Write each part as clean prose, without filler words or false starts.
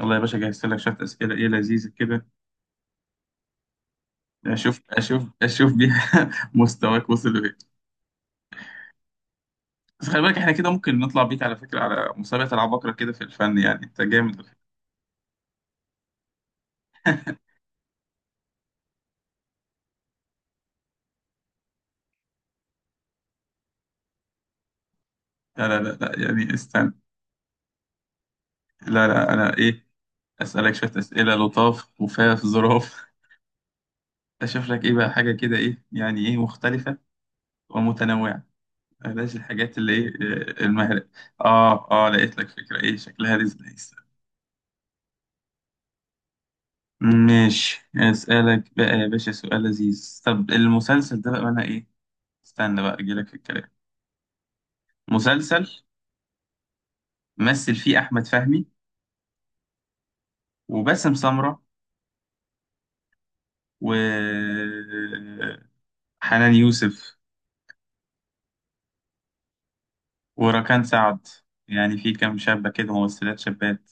يلا يا باشا، جهزت لك شوية أسئلة إيه لذيذة كده. أشوف بيها مستواك وصل لإيه؟ بس خلي بالك، إحنا كده ممكن نطلع بيك على فكرة على مسابقة العباقرة كده في الفن، يعني أنت جامد لا لا لا لا، يعني استنى. لا لا، أنا إيه، أسألك شوية أسئلة لطاف وفاف ظراف. أشوف لك إيه بقى، حاجة كده إيه، يعني إيه، مختلفة ومتنوعة. بلاش الحاجات اللي إيه المهرة. آه آه، لقيت لك فكرة إيه شكلها رزق. ماشي، اسألك بقى يا باشا سؤال لذيذ. طب المسلسل ده بقى معناه ايه؟ استنى بقى اجيلك في الكلام. مسلسل مثل فيه احمد فهمي وباسم سمرة و حنان يوسف وركان سعد. يعني في كام شابة كده، ممثلات شابات.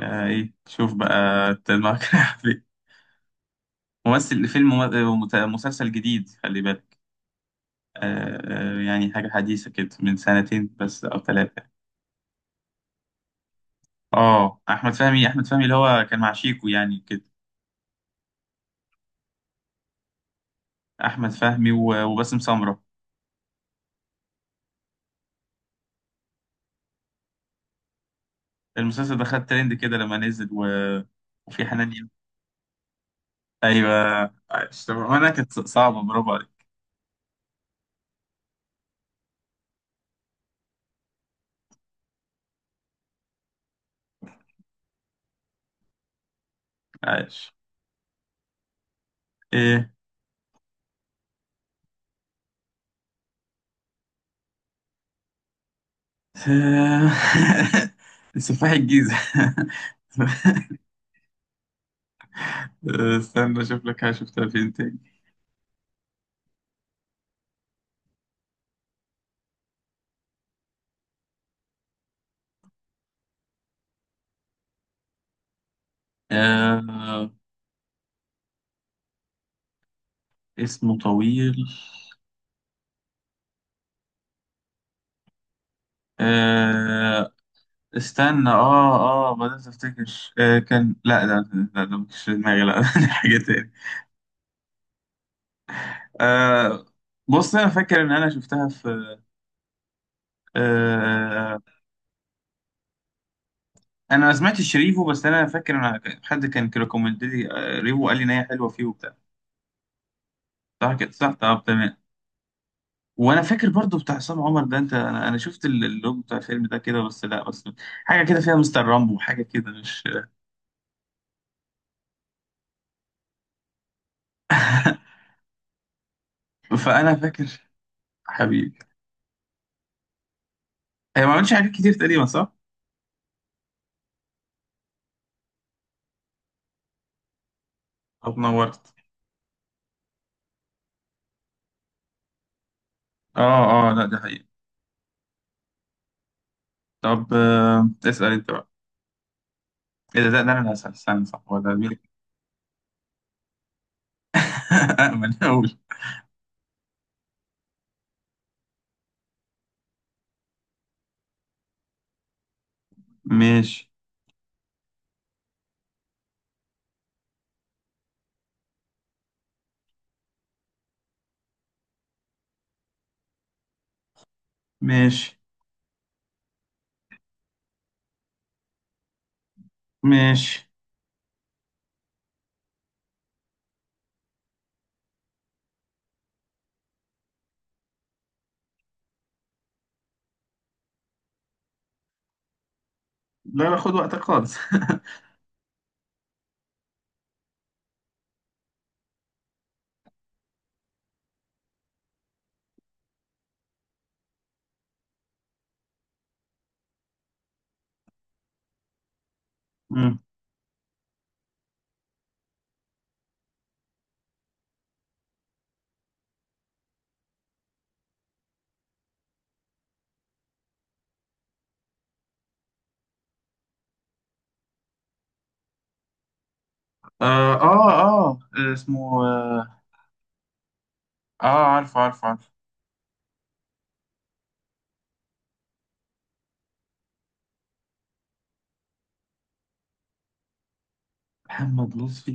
آه ايه، شوف بقى أنت دماغك رايحة فين. ممثل فيلم مسلسل جديد، خلي بالك. يعني حاجة حديثة كده من سنتين بس او ثلاثة. اه، احمد فهمي اللي هو كان مع شيكو يعني كده. احمد فهمي و- وباسم سمرة. المسلسل ده خد ترند كده لما نزل و... وفي حنان ايوه، عايش. طب انا كانت صعبه، برافو عليك. عايش ايه؟ سفاح الجيزه. استنى اشوف لك حاجه شفتها فين تاني. آه... اسمه طويل. آه... استنى. اه اه بدأت افتكر. كان، لا ده، لا ده مش في دماغي، لا دي حاجة تاني. آه، بص انا فاكر ان انا شفتها في. آه انا ما سمعتش شريفو، بس انا فاكر ان حد كان ريكومند لي، ريفو قال لي ان هي حلوة فيه وبتاع. صح كده، صح، طب تمام. وانا فاكر برضو بتاع عصام عمر ده، انت انا شفت اللوج بتاع الفيلم ده كده بس، لا بس حاجة كده فيها مستر رامبو، حاجة كده مش فانا فاكر حبيبي. هي ما عملتش حاجات كتير تقريبا، صح؟ طب نورت. اه اه، لا دي حقيقة. طب، اسأل انت بقى. ايه، ده انا اللي هسأل، استنى، صح، هو ده مين؟ أأمن أقول. ماشي ماشي ماشي. لا لا، خد وقتك خالص مم. آه, اه اه. اسمه، آه، عارف عارف عارف. محمد لطفي.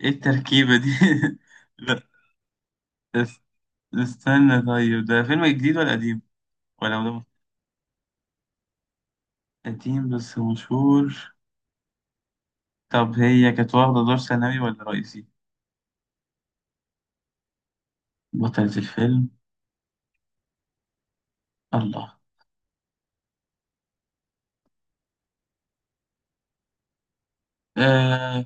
ايه التركيبة دي؟ لا. اس- استنى، طيب ده فيلم جديد ولا قديم؟ ولا قديم بس مشهور؟ طب هي كانت واخدة دور ثانوي ولا رئيسي؟ بطلة الفيلم. الله. آه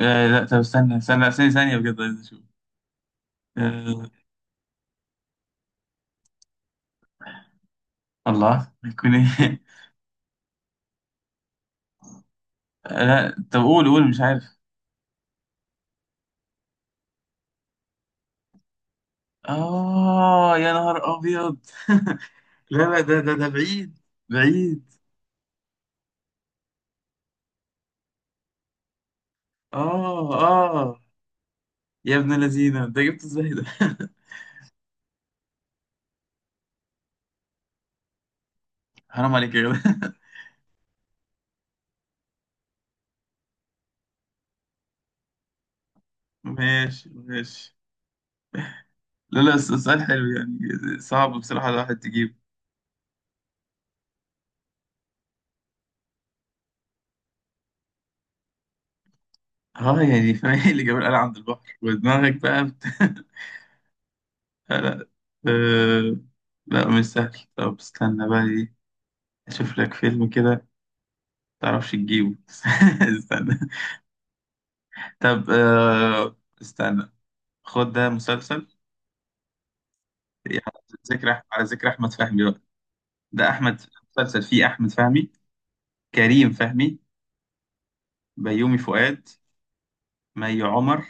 آه، لا طب استنى استنى ثانية ثانية بجد عايز اشوف. آه. الله هيكون ايه؟ لا طب قول قول مش عارف. اه، يا نهار ابيض. لا لا، ده بعيد، بعيد. اه اه، يا ابن الذين انت جبت ازاي ده؟ حرام عليك يا جدع. ماشي ماشي. لا لا، السؤال حلو يعني. صعب بصراحة الواحد تجيبه. اه، يعني فاهم إيه اللي جاب القلعة عند البحر ودماغك بقى لا. أه... لا مش سهل. طب استنى بقى ايه، اشوف لك فيلم كده متعرفش تجيبه. استنى. طب استنى، خد ده مسلسل يعني. على ذكر احمد فهمي بقى. ده احمد، مسلسل فيه احمد فهمي، كريم فهمي، بيومي فؤاد، مي عمر،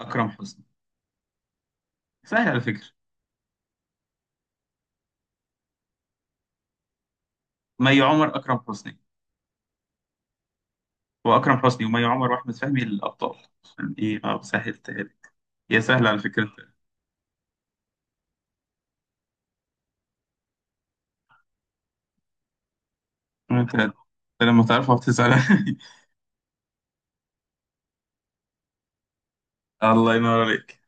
اكرم حسني. سهل على فكرة. مي عمر، اكرم حسني، واكرم حسني ومي عمر واحمد فهمي الابطال. عشان ايه، سهلتها لك. هي سهلة على فكرة. انت لما تعرفها بتزعل الله ينور عليك.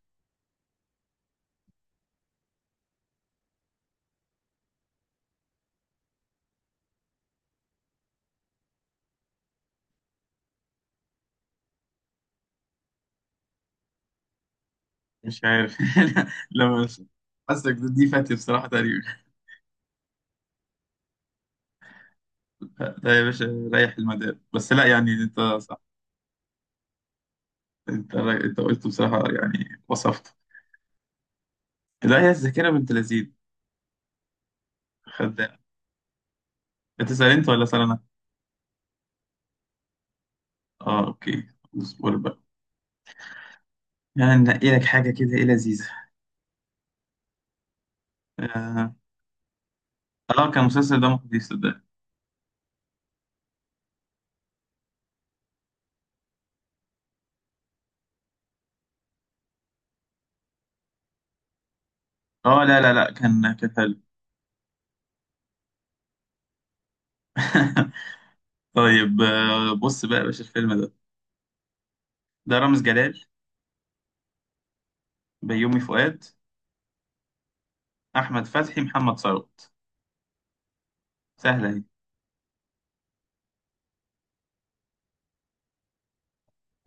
مش عارف. لما حاسك دي فاتي بصراحة تقريبا. لا يا باشا، ريح المدار بس، لا يعني انت صح. انت قلت بصراحة، يعني وصفت. لا هي الذاكرة بنت لذيذ. خدام. بتسأل انت ولا اسأل انا؟ اه اوكي، اصبر بقى. يعني ننقي لك حاجة كده ايه لذيذة. اه. كان المسلسل ده مخيف صدق. اه لا لا لا، كان حلو. طيب، بص بقى يا باشا. الفيلم ده، ده رامز جلال، بيومي فؤاد، احمد فتحي، محمد ثروت. سهله اهي.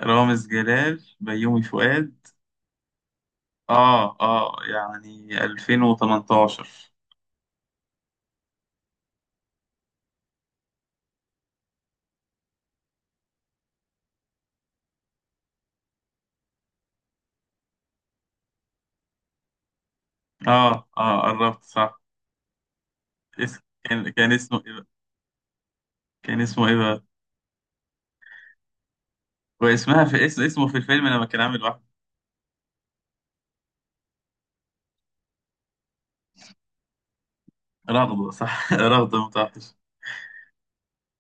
رامز جلال، بيومي فؤاد. اه اه، يعني 2018. اه اه، قربت صح. اسم، كان اسمه ايه بقى؟ كان اسمه ايه بقى؟ واسمها في اسم، اسمه في الفيلم لما كان عامل واحد. رغدة، صح رغدة متوحش.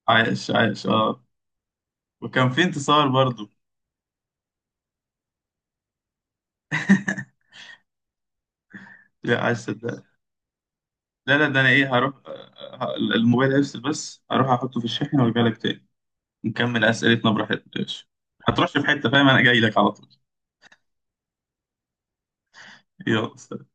عايش عايش وكان في انتصار برضو. لا عايز صدق. لا لا ده انا ايه، هروح الموبايل هيفصل، بس هروح احطه في الشاحن وارجع لك تاني. نكمل اسئلتنا براحتنا يا باشا. هترش في حته فاهم، انا جاي لك على طول. يلا.